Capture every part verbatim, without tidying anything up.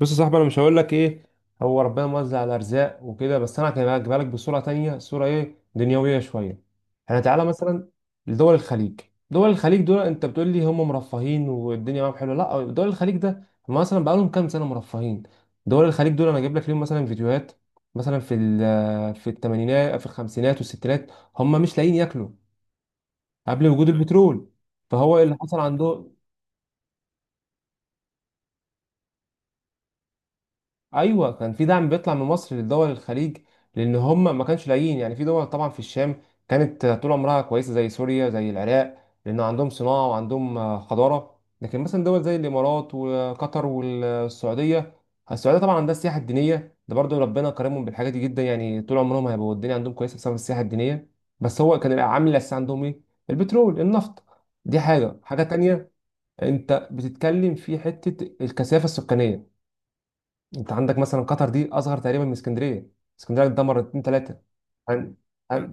بص يا صاحبي، انا مش هقول لك ايه. هو ربنا موزع الارزاق وكده، بس انا هجيبها هجيبها لك بصوره تانية، صوره ايه؟ دنيويه شويه. احنا تعالى مثلا لدول الخليج. دول الخليج دول انت بتقول لي هم مرفهين والدنيا معاهم حلوه؟ لا، دول الخليج ده هم مثلا بقالهم كام سنه مرفهين. دول الخليج دول انا اجيب لك ليهم مثلا فيديوهات، مثلا في ال- في الثمانينات، في الخمسينات والستينات هم مش لاقيين ياكلوا، قبل وجود البترول. فهو إيه اللي حصل عندهم؟ ايوه، كان في دعم بيطلع من مصر للدول الخليج، لان هم ما كانش لاقيين. يعني في دول طبعا في الشام كانت طول عمرها كويسه، زي سوريا زي العراق، لان عندهم صناعه وعندهم آه، حضاره. لكن مثلا دول زي الامارات وقطر والسعوديه، السعوديه طبعا عندها السياحه الدينيه، ده برضو ربنا كرمهم بالحاجات دي جدا، يعني طول عمرهم هيبقوا الدنيا عندهم كويسه بسبب السياحه الدينيه. بس هو كان العامل الاساسي عندهم ايه؟ البترول، النفط. دي حاجه حاجه تانية. انت بتتكلم في حته الكثافه السكانيه، انت عندك مثلا قطر دي اصغر تقريبا من اسكندريه، اسكندريه اتدمر اتنين تلاته. فان-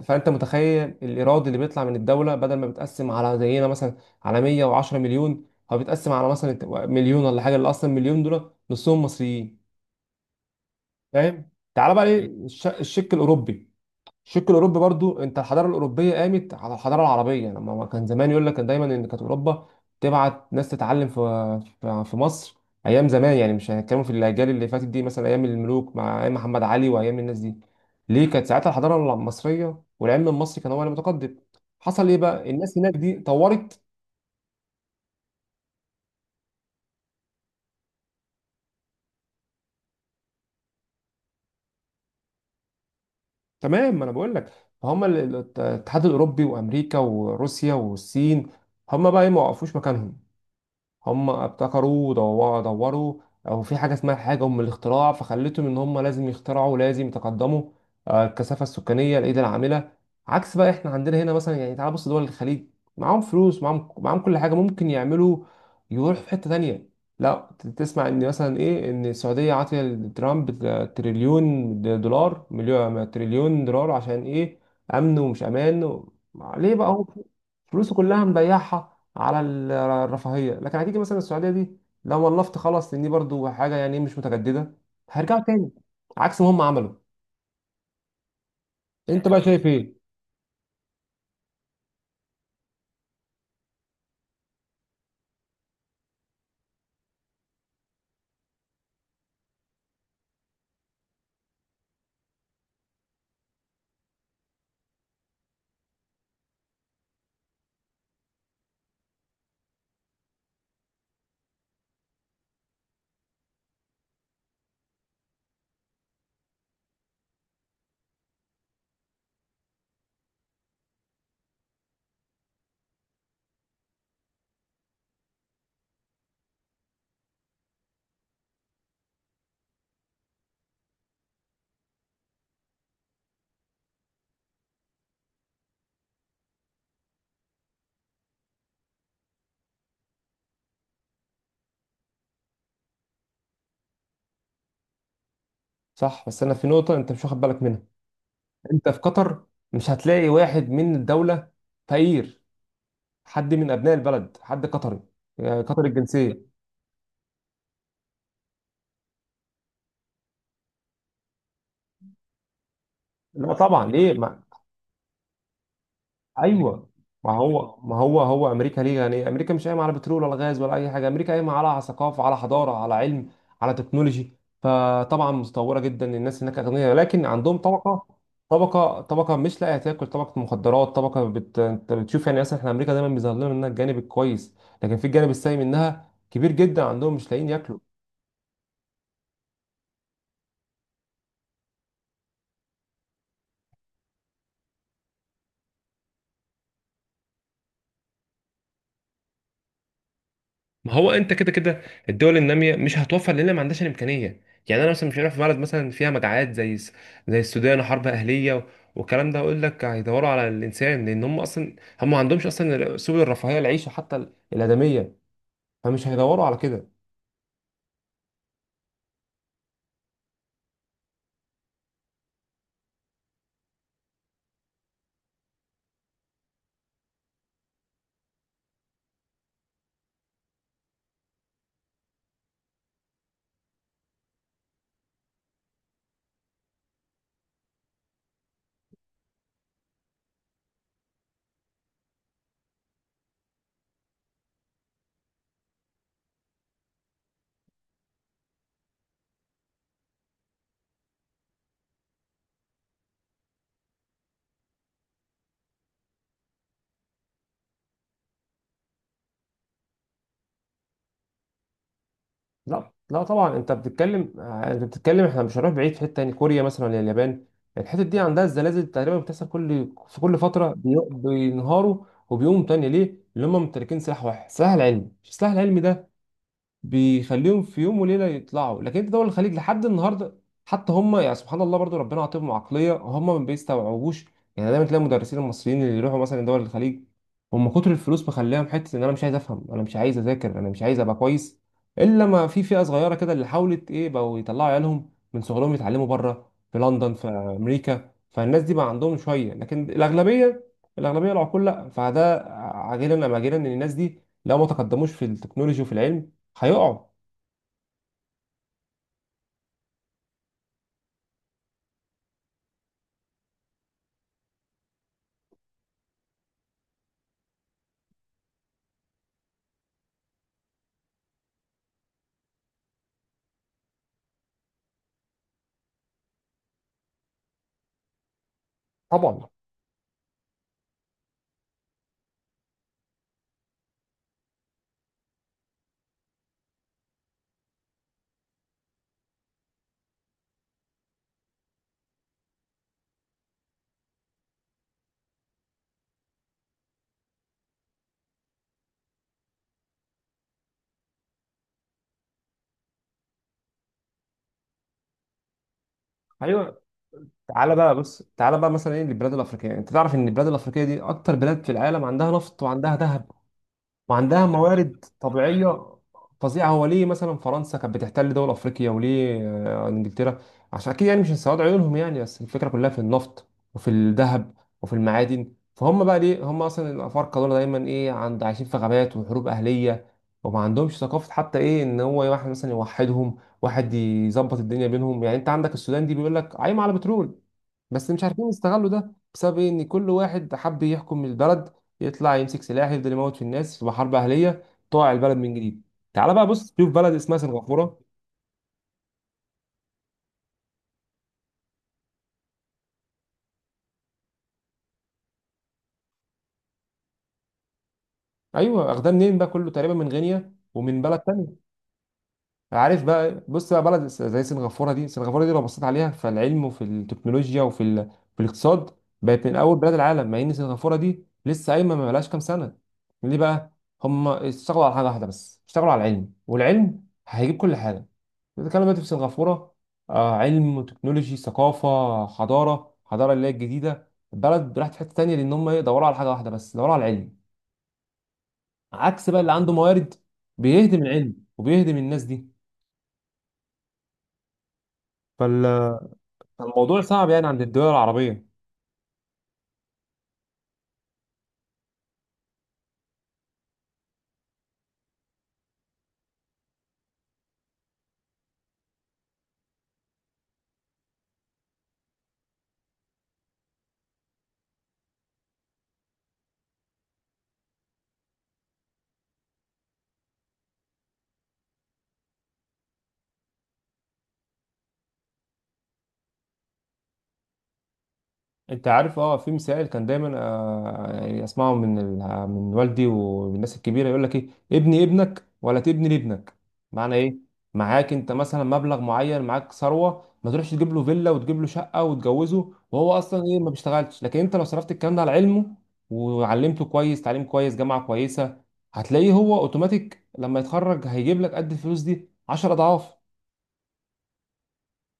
فانت متخيل الايراد اللي بيطلع من الدوله بدل ما بيتقسم على زينا مثلا، على مية وعشرة مليون، هو بيتقسم على مثلا مليون ولا حاجه، اللي اصلا مليون دول نصهم مصريين. فاهم؟ تعال بقى. مم. ايه الش- الشق الاوروبي؟ الشق الاوروبي برضو، انت الحضاره الاوروبيه قامت على الحضاره العربيه، لما ما كان زمان يقول لك، كان دايما ان كانت اوروبا تبعت ناس تتعلم في في في مصر، ايام زمان. يعني مش هنتكلم في الاجيال اللي فاتت دي، مثلا ايام الملوك، مع ايام محمد علي وايام الناس دي، ليه كانت ساعتها الحضاره المصريه والعلم المصري كان هو المتقدم؟ حصل ايه بقى؟ الناس هناك دي طورت. تمام، ما انا بقول لك. فهم ال- ال- الاتحاد الاوروبي وامريكا وروسيا والصين، هم بقى ايه؟ ما وقفوش مكانهم، هم ابتكروا ودوروا دوروا. او في حاجه اسمها حاجه ام الاختراع، فخلتهم ان هم لازم يخترعوا، لازم يتقدموا. آه، الكثافه السكانيه، الايد العامله. عكس بقى احنا عندنا هنا. مثلا يعني تعال بص، دول الخليج معاهم فلوس، معاهم معاهم كل حاجه، ممكن يعملوا، يروحوا في حته تانية. لا ت- تسمع ان مثلا ايه، ان السعوديه عاطيه لترامب تريليون دولار، مليون تريليون دولار. عشان ايه؟ امن ومش امان و... ليه بقى هو فلوسه كلها مضيعها على الرفاهيه؟ لكن هتيجي مثلا السعوديه دي لو ولفت، خلاص، لان دي برضو حاجه يعني مش متجدده، هيرجعوا تاني عكس ما هم عملوا. انت بقى شايف ايه؟ صح، بس انا في نقطه انت مش واخد بالك منها. انت في قطر مش هتلاقي واحد من الدوله فقير، حد من ابناء البلد، حد قطري، يعني قطري الجنسيه. لا طبعا، ليه ما، ايوه. ما هو ما هو هو امريكا ليه؟ يعني امريكا مش قايمه على بترول ولا غاز ولا اي حاجه، امريكا قايمه على ثقافه، على حضاره، على علم، على تكنولوجي. فطبعا متطوره جدا، الناس هناك اغنياء، لكن عندهم طبقه، طبقه طبقه مش لاقيه تاكل، طبقه مخدرات، طبقه بت... انت بتشوف يعني. اصلا احنا امريكا دايما بيظهر لنا منها الجانب الكويس، لكن في الجانب السيء منها كبير جدا، عندهم مش لاقيين ياكلوا. ما هو انت كده كده الدول الناميه مش هتوفر، لان ما عندهاش الامكانيه. يعني انا مثلا مش هروح في بلد مثلا فيها مجاعات زي الس- زي السودان، وحرب اهليه و- والكلام ده، اقول لك هيدوروا على الانسان، لان هم اصلا هم ما عندهمش اصلا سبل الرفاهيه، العيشه حتى ال- الادميه، فمش هيدوروا على كده. لا لا طبعا، انت بتتكلم، آه، انت بتتكلم، احنا مش هنروح بعيد، في حته تاني كوريا مثلا ولا اليابان، الحتت دي عندها الزلازل تقريبا بتحصل كل في كل فتره، بي- بينهاروا وبيقوموا تاني. ليه؟ اللي هم ممتلكين سلاح واحد، سلاح العلم، السلاح العلمي ده بيخليهم في يوم وليله يطلعوا. لكن انت دول الخليج لحد النهارده، حتى هم يعني سبحان الله برضو ربنا عاطيهم عقليه هم ما بيستوعبوش. يعني دايما تلاقي المدرسين المصريين اللي يروحوا مثلا دول الخليج، هم كتر الفلوس مخليهم حته ان انا مش عايز افهم، انا مش عايز اذاكر، انا مش عايز ابقى كويس، الا ما في فئه صغيره كده اللي حاولت ايه، بقوا يطلعوا عيالهم من صغرهم يتعلموا بره، في لندن، في امريكا، فالناس دي بقى عندهم شويه، لكن الاغلبيه، الاغلبيه العقول لا. فده عاجلا ام اجلا ان الناس دي لو ما تقدموش في التكنولوجي وفي العلم هيقعوا طبعا. ايوه، تعالى بقى بص، تعالى بقى مثلا ايه للبلاد الافريقيه. انت تعرف ان البلاد الافريقيه دي اكتر بلاد في العالم عندها نفط وعندها ذهب وعندها موارد طبيعية فظيعة. هو ليه مثلا فرنسا كانت بتحتل دول أفريقيا، وليه آه، إنجلترا؟ عشان أكيد يعني مش من سواد عيونهم يعني، بس الفكرة كلها في النفط، وفي الذهب، وفي المعادن. فهم بقى ليه هم أصلا، الأفارقة دول دايما إيه عند، عايشين في غابات وحروب أهلية وما عندهمش ثقافة، حتى إيه، إن هو واحد مثلا يوحدهم، واحد يظبط الدنيا بينهم. يعني أنت عندك السودان دي بيقول لك قايمة على بترول، بس مش عارفين يستغلوا ده بسبب إيه؟ ان كل واحد حب يحكم البلد، يطلع يمسك سلاح، يفضل يموت في الناس، تبقى حرب اهليه، طوع البلد من جديد. تعال بقى بص، شوف بلد اسمها سنغافوره. ايوه، اخدها منين بقى؟ كله تقريبا من غينيا ومن بلد تانية. عارف بقى؟ بص بقى، بلد زي سنغافورة دي، سنغافورة دي لو بصيت عليها في العلم وفي التكنولوجيا وفي ال... في الاقتصاد، بقت من أول بلاد العالم، مع إن سنغافورة دي لسه قايمة، ما بقالهاش كام سنة. ليه بقى؟ هم اشتغلوا على حاجة واحدة بس، اشتغلوا على العلم، والعلم هيجيب كل حاجة. بتتكلم دلوقتي في سنغافورة، آه، علم وتكنولوجي، ثقافة، حضارة، حضارة اللي هي الجديدة. البلد راحت في حتة تانية، لأن هم إيه، دوروا على حاجة واحدة بس، دوروا على العلم. عكس بقى اللي عنده موارد، بيهدم العلم وبيهدم الناس دي. الموضوع صعب يعني عند الدول العربية. انت عارف، اه، في مثال كان دايما آه يعني اسمعه من ال... آه، من والدي والناس الكبيرة، يقول لك ايه، ابني ابنك ولا تبني لابنك. معنى ايه؟ معاك انت مثلا مبلغ معين، معاك ثروة، ما تروحش تجيب له فيلا وتجيب له شقة وتجوزه، وهو اصلا ايه، ما بيشتغلش، لكن انت لو صرفت الكلام ده على علمه، وعلمته كويس، تعليم كويس، جامعة كويسة، هتلاقيه هو اوتوماتيك لما يتخرج هيجيب لك قد الفلوس دي عشرة اضعاف.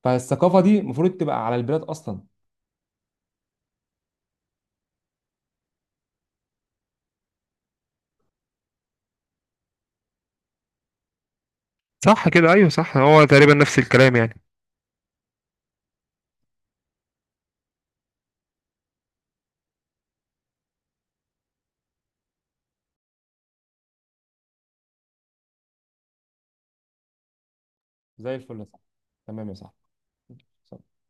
فالثقافة دي المفروض تبقى على البلاد اصلا. صح كده؟ ايوه صح، هو تقريبا نفس الكلام يعني. زي الفل، صح، تمام يا صاحبي.